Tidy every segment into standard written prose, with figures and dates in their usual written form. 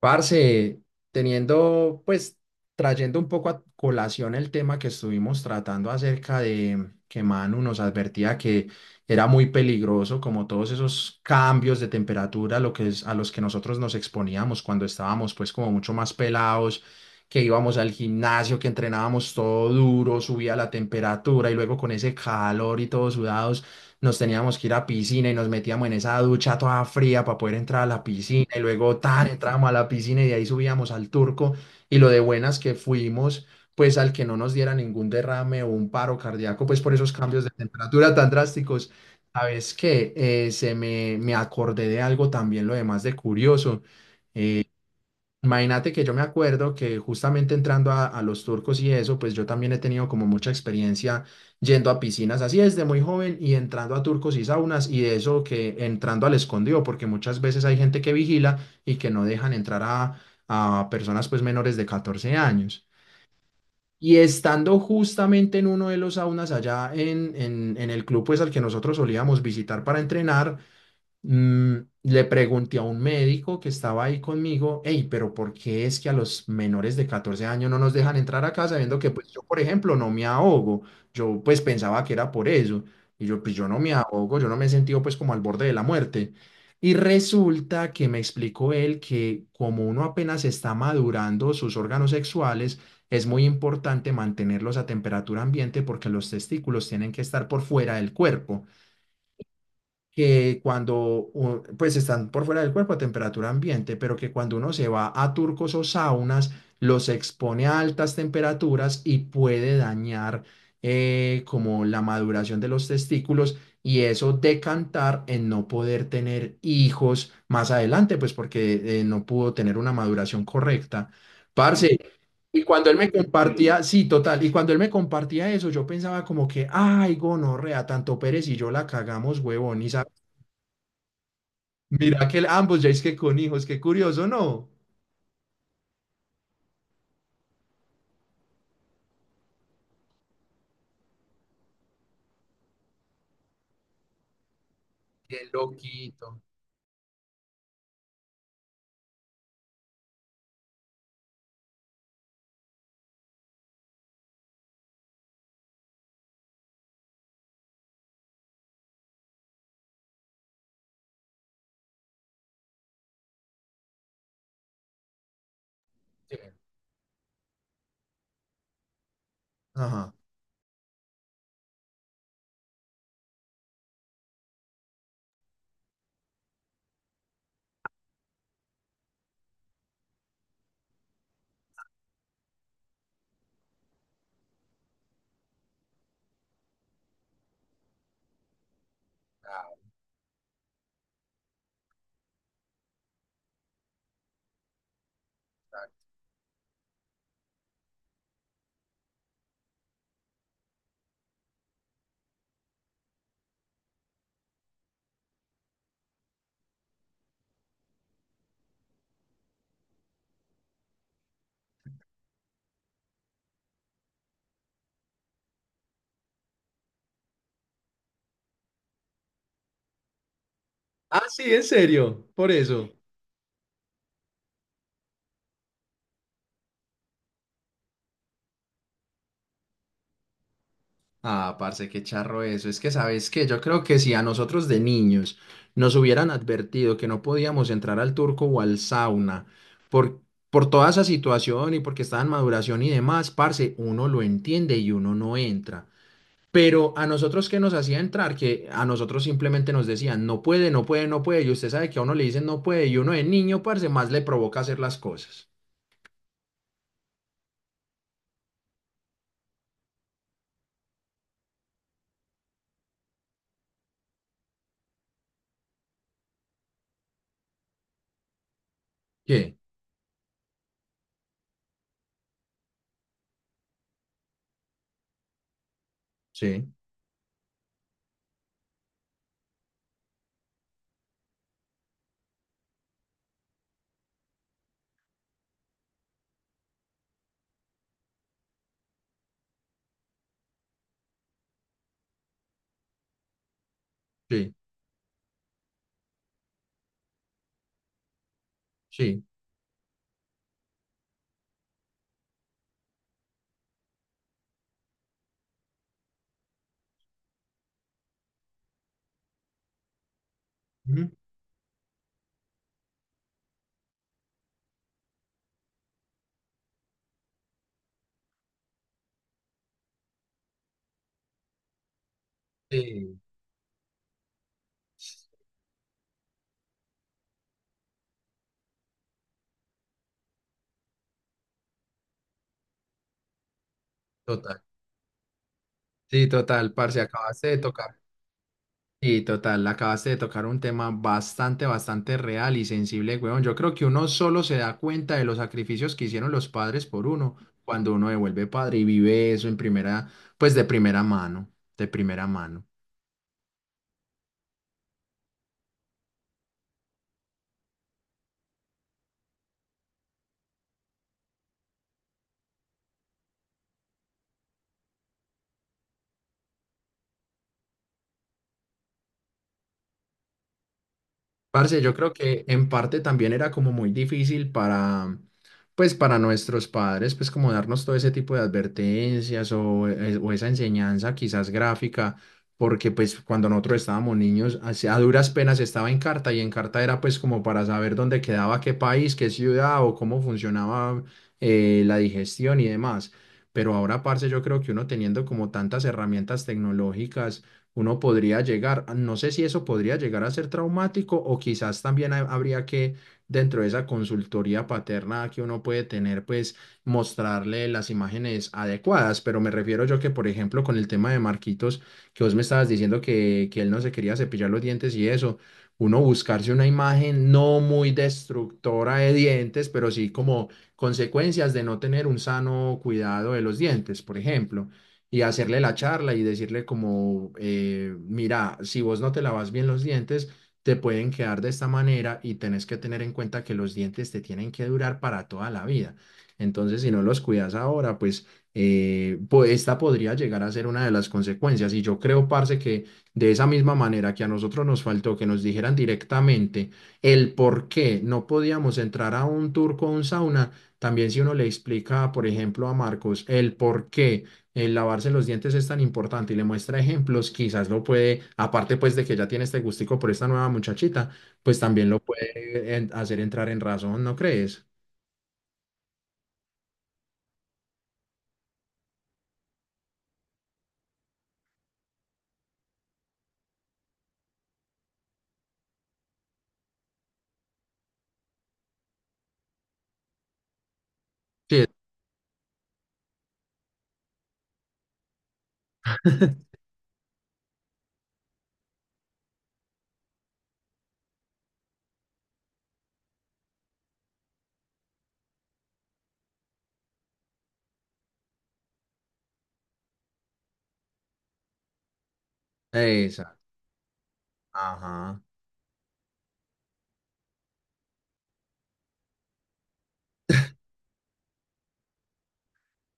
Parce, teniendo, pues, trayendo un poco a colación el tema que estuvimos tratando acerca de que Manu nos advertía que era muy peligroso, como todos esos cambios de temperatura lo que es, a los que nosotros nos exponíamos cuando estábamos, pues, como mucho más pelados, que íbamos al gimnasio, que entrenábamos todo duro, subía la temperatura y luego con ese calor y todo sudado nos teníamos que ir a piscina y nos metíamos en esa ducha toda fría para poder entrar a la piscina y luego tan entrábamos a la piscina y de ahí subíamos al Turco y lo de buenas que fuimos pues al que no nos diera ningún derrame o un paro cardíaco pues por esos cambios de temperatura tan drásticos. Sabes que se me acordé de algo también lo demás de curioso. Imagínate que yo me acuerdo que justamente entrando a los turcos y eso, pues yo también he tenido como mucha experiencia yendo a piscinas así desde muy joven y entrando a turcos y saunas y de eso que entrando al escondido, porque muchas veces hay gente que vigila y que no dejan entrar a personas pues menores de 14 años. Y estando justamente en uno de los saunas allá en el club pues al que nosotros solíamos visitar para entrenar, le pregunté a un médico que estaba ahí conmigo, hey, pero ¿por qué es que a los menores de 14 años no nos dejan entrar a casa viendo que pues yo, por ejemplo, no me ahogo? Yo pues pensaba que era por eso. Y yo, pues yo no me ahogo, yo no me he sentido pues como al borde de la muerte. Y resulta que me explicó él que como uno apenas está madurando sus órganos sexuales, es muy importante mantenerlos a temperatura ambiente porque los testículos tienen que estar por fuera del cuerpo, que cuando, pues están por fuera del cuerpo a temperatura ambiente, pero que cuando uno se va a turcos o saunas, los expone a altas temperaturas y puede dañar, como la maduración de los testículos y eso decantar en no poder tener hijos más adelante, pues porque no pudo tener una maduración correcta. Parce, y cuando él me compartía, sí, total, y cuando él me compartía eso, yo pensaba como que, ay, gonorrea, tanto Pérez y yo la cagamos, huevón. Y mira que ambos ya es que con hijos, qué curioso, ¿no? Qué loquito. Sí. Ajá. Ah. Ah, sí, en serio, por eso. Ah, parce, qué charro eso. Es que, ¿sabes qué? Yo creo que si a nosotros de niños nos hubieran advertido que no podíamos entrar al turco o al sauna por, por toda esa situación y porque estaba en maduración y demás, parce, uno lo entiende y uno no entra. Pero a nosotros que nos hacía entrar, que a nosotros simplemente nos decían, no puede, no puede, no puede, y usted sabe que a uno le dicen no puede, y uno de niño, parce, más le provoca hacer las cosas. ¿Qué? Sí, sí, sí. Ujú. Sí, total. Sí, total, parce, acabaste de tocar. Sí, total, acabaste de tocar un tema bastante, bastante real y sensible, weón. Yo creo que uno solo se da cuenta de los sacrificios que hicieron los padres por uno cuando uno devuelve padre y vive eso en primera, pues de primera mano, de primera mano. Parce, yo creo que en parte también era como muy difícil para, pues para nuestros padres, pues como darnos todo ese tipo de advertencias o esa enseñanza quizás gráfica, porque pues cuando nosotros estábamos niños, así a duras penas estaba en carta y en carta era pues como para saber dónde quedaba qué país, qué ciudad o cómo funcionaba, la digestión y demás. Pero ahora, parce, yo creo que uno teniendo como tantas herramientas tecnológicas, uno podría llegar, no sé si eso podría llegar a ser traumático o quizás también habría que, dentro de esa consultoría paterna que uno puede tener, pues mostrarle las imágenes adecuadas, pero me refiero yo que, por ejemplo, con el tema de Marquitos, que vos me estabas diciendo que él no se quería cepillar los dientes y eso, uno buscarse una imagen no muy destructora de dientes, pero sí como consecuencias de no tener un sano cuidado de los dientes, por ejemplo, y hacerle la charla y decirle como, mira, si vos no te lavas bien los dientes, te pueden quedar de esta manera y tenés que tener en cuenta que los dientes te tienen que durar para toda la vida. Entonces, si no los cuidas ahora, pues esta podría llegar a ser una de las consecuencias. Y yo creo, parce, que de esa misma manera que a nosotros nos faltó que nos dijeran directamente el por qué no podíamos entrar a un tour con sauna, también si uno le explica, por ejemplo, a Marcos el por qué el lavarse los dientes es tan importante y le muestra ejemplos, quizás lo puede, aparte pues de que ya tiene este gustico por esta nueva muchachita, pues también lo puede hacer entrar en razón, ¿no crees? Sí, esa. Ajá.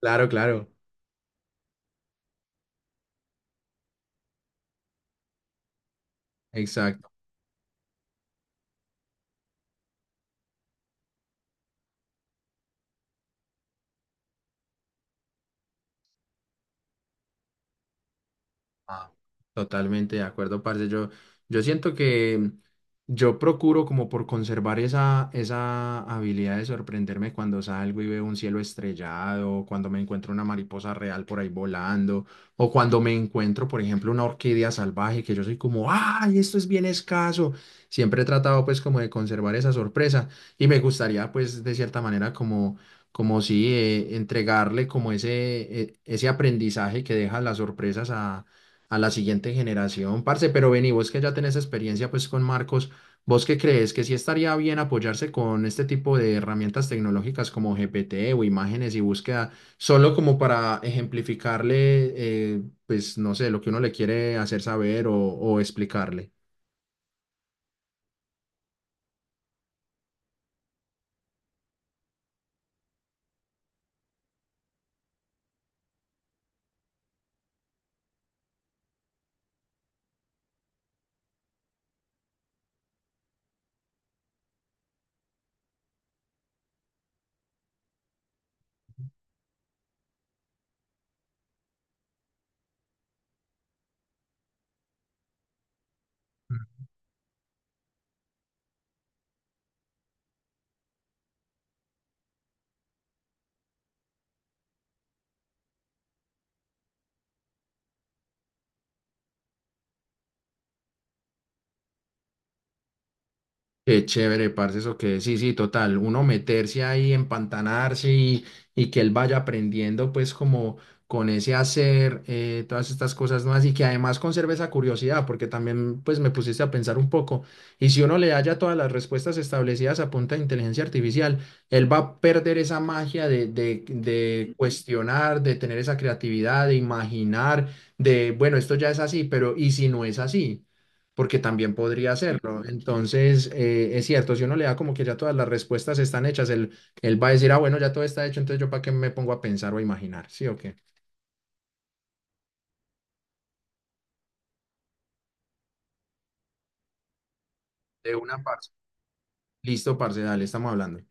Claro, claro. Exacto. Ah. Totalmente de acuerdo, parce. Yo siento que yo procuro como por conservar esa habilidad de sorprenderme cuando salgo y veo un cielo estrellado, cuando me encuentro una mariposa real por ahí volando, o cuando me encuentro, por ejemplo, una orquídea salvaje, que yo soy como, ¡ay, esto es bien escaso! Siempre he tratado pues como de conservar esa sorpresa y me gustaría pues de cierta manera como... como si entregarle como ese aprendizaje que deja las sorpresas a la siguiente generación, parce. Pero vení, vos que ya tenés experiencia pues con Marcos, ¿vos qué crees que sí estaría bien apoyarse con este tipo de herramientas tecnológicas como GPT o imágenes y búsqueda, solo como para ejemplificarle, pues no sé, lo que uno le quiere hacer saber o explicarle? Qué chévere, parce, eso que sí, sí, total, uno meterse ahí, empantanarse y que él vaya aprendiendo pues como con ese hacer, todas estas cosas nuevas y que además conserve esa curiosidad, porque también pues me pusiste a pensar un poco y si uno le haya todas las respuestas establecidas a punta de inteligencia artificial, él va a perder esa magia de cuestionar, de tener esa creatividad, de imaginar, de bueno, esto ya es así, pero ¿y si no es así? Porque también podría hacerlo. Entonces, es cierto, si uno le da como que ya todas las respuestas están hechas, él va a decir, ah, bueno, ya todo está hecho, entonces yo para qué me pongo a pensar o a imaginar, ¿sí o qué? De una, parce. Listo, parce, dale, estamos hablando.